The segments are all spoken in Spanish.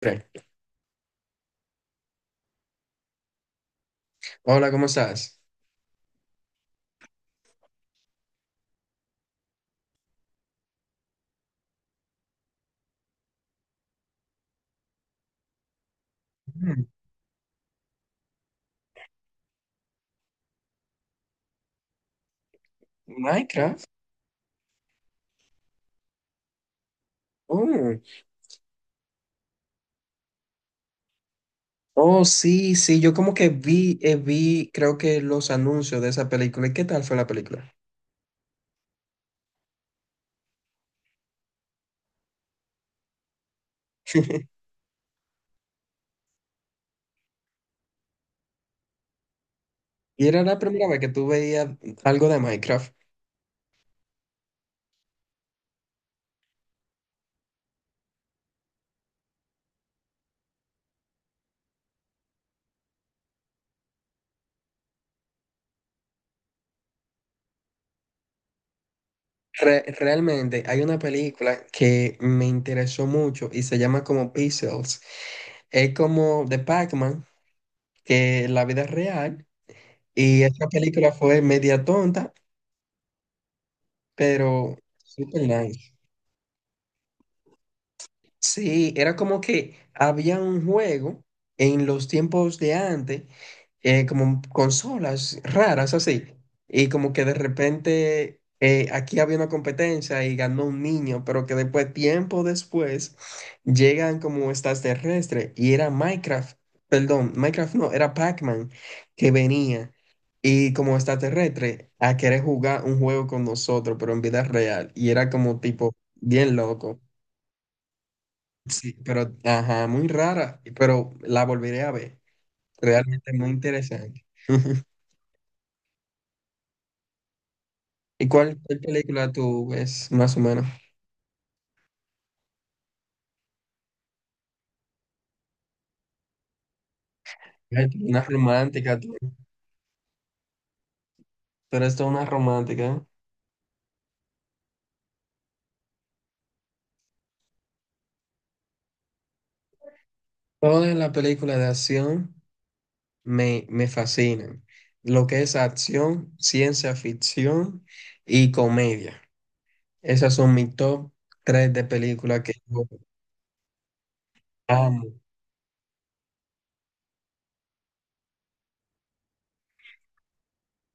Pre. Hola, ¿cómo estás? Mm, Minecraft. Oh, oh, sí, sí, yo como que vi, vi, creo que los anuncios de esa película. ¿Y qué tal fue la película? Y era la primera vez que tú veías algo de Minecraft. Realmente hay una película que me interesó mucho y se llama como Pixels. Es como de Pac-Man, que la vida es real. Y esa película fue media tonta, pero super nice. Sí, era como que había un juego en los tiempos de antes, como consolas raras así, y como que de repente aquí había una competencia y ganó un niño, pero que después, tiempo después, llegan como extraterrestres y era Minecraft, perdón, Minecraft no, era Pac-Man que venía y como extraterrestre a querer jugar un juego con nosotros, pero en vida real, y era como tipo bien loco. Sí, pero, ajá, muy rara, pero la volveré a ver. Realmente muy interesante. ¿Y cuál película tú ves más o menos? Ay, tú, una romántica, tú. Pero esto es una romántica, ¿eh? Todas las películas de acción me fascinan. Lo que es acción, ciencia ficción y comedia. Esas son mis top tres de películas que yo amo.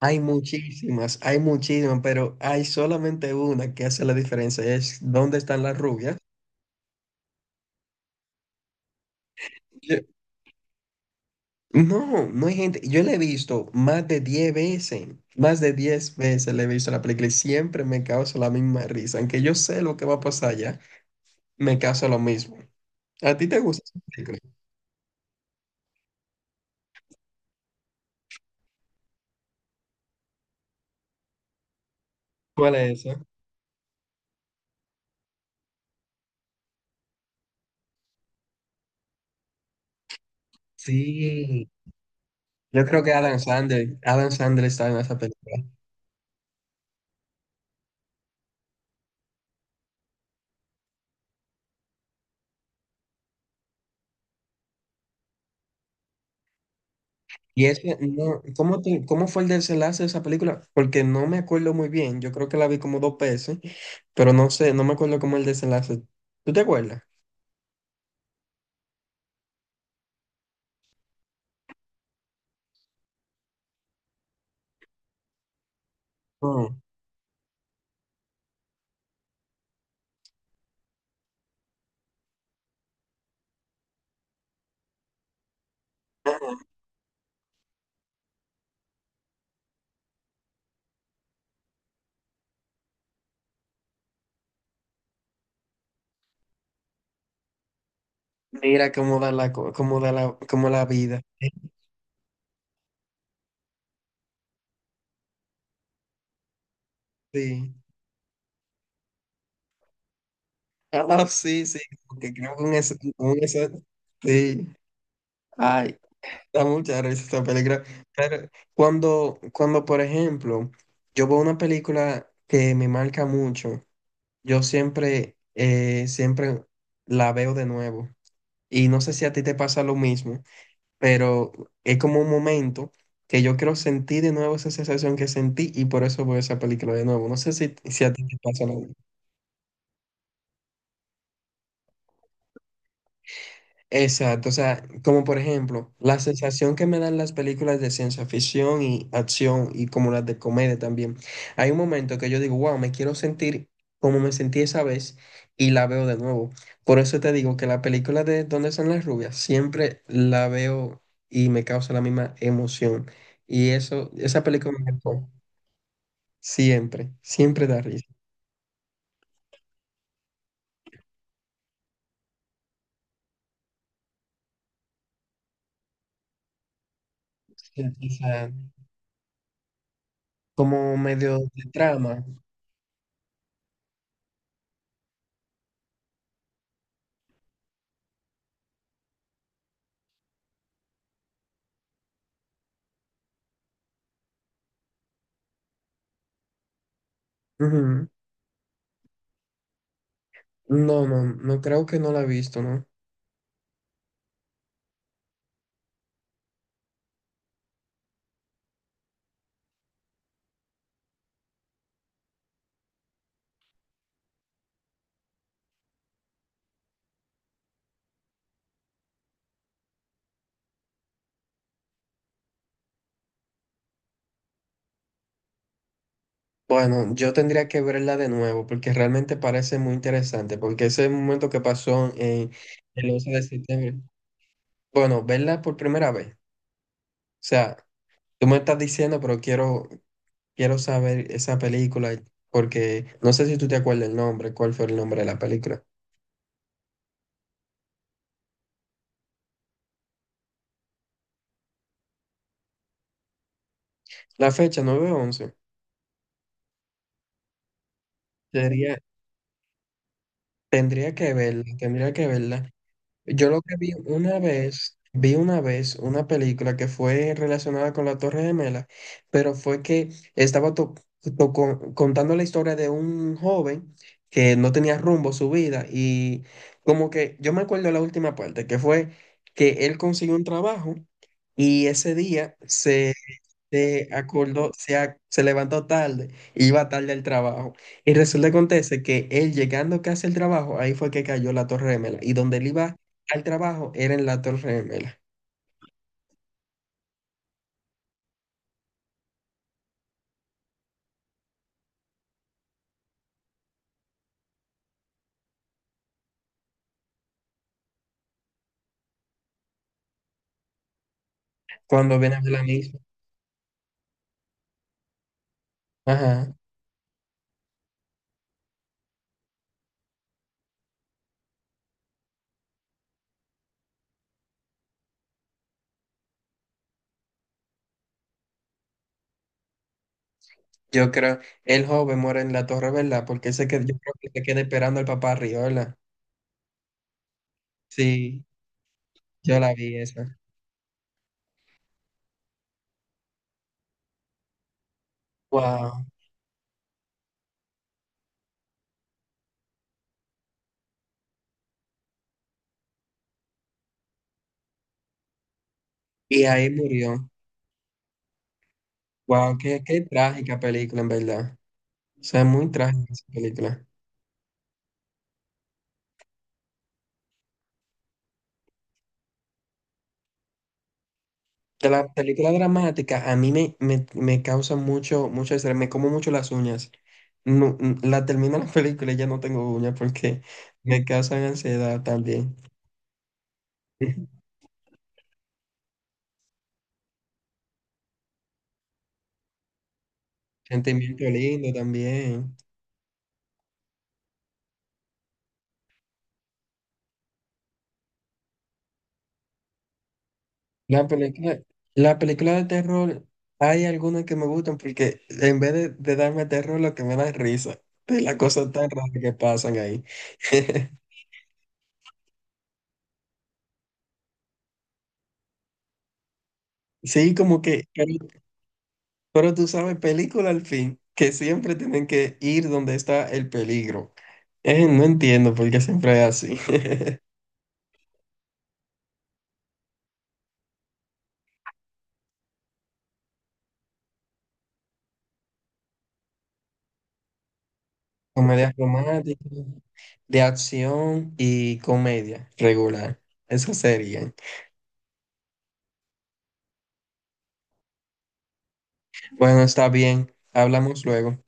Hay muchísimas, pero hay solamente una que hace la diferencia, es dónde están las rubias. Yo... No, no hay gente, yo la he visto más de 10 veces, más de 10 veces la he visto la película y siempre me causa la misma risa, aunque yo sé lo que va a pasar ya, me causa lo mismo. ¿A ti te gusta esa película? ¿Cuál es esa? Sí, yo creo que Adam Sandler está en esa película. Y ese, no, ¿cómo, cómo fue el desenlace de esa película? Porque no me acuerdo muy bien. Yo creo que la vi como dos veces, pero no sé, no me acuerdo cómo el desenlace. ¿Tú te acuerdas? No. Mira cómo da la, cómo da la, cómo la vida. Sí. Ah, sí, sí. Porque creo que sí. Ay, da mucha risa esa película. Pero cuando, por ejemplo, yo veo una película que me marca mucho, yo siempre, siempre la veo de nuevo. Y no sé si a ti te pasa lo mismo, pero es como un momento que yo quiero sentir de nuevo esa sensación que sentí y por eso veo esa película de nuevo. No sé si a ti te pasa lo mismo. Exacto, o sea, como por ejemplo, la sensación que me dan las películas de ciencia ficción y acción y como las de comedia también. Hay un momento que yo digo, wow, me quiero sentir como me sentí esa vez y la veo de nuevo. Por eso te digo que la película de ¿dónde están las rubias? Siempre la veo y me causa la misma emoción. Y eso, esa película me marcó. Siempre, siempre da risa. Sí, o sea, como medio de trama. Ujú. No, no, no creo que no la he visto, ¿no? Bueno, yo tendría que verla de nuevo porque realmente parece muy interesante, porque ese momento que pasó en el 11 de septiembre, bueno, verla por primera vez. O sea, tú me estás diciendo, pero quiero, quiero saber esa película porque no sé si tú te acuerdas el nombre, cuál fue el nombre de la película. La fecha, 9 once. Sería, tendría que verla, tendría que verla. Yo lo que vi una vez una película que fue relacionada con la Torre Gemela, pero fue que estaba to- to- con- contando la historia de un joven que no tenía rumbo a su vida y como que yo me acuerdo la última parte, que fue que él consiguió un trabajo y ese día se acordó, se levantó tarde, iba tarde al trabajo. Y resulta que acontece que él llegando casi al trabajo, ahí fue que cayó la Torre Gemela. Y donde él iba al trabajo era en la Torre Gemela. Cuando viene a ver la misma. Ajá. Yo creo, el joven muere en la Torre, ¿verdad? Porque se que yo creo que se queda esperando al papá arriba, ¿verdad? Sí, yo la vi esa. Wow. Y ahí murió. Wow, qué, qué trágica película, en verdad. O sea, muy trágica esa película. De las películas dramáticas, a mí me causa mucho, mucho estrés, me como mucho las uñas. No, la termino la película y ya no tengo uñas porque me causan ansiedad también. Sentimiento lindo también. La película, la película de terror, hay algunas que me gustan porque en vez de darme terror, lo que me da es risa de las cosas tan raras que pasan ahí. Sí, como que, pero tú sabes, película al fin, que siempre tienen que ir donde está el peligro. No entiendo por qué siempre es así. Comedias románticas, de acción y comedia regular. Esas serían. Bueno, está bien. Hablamos luego.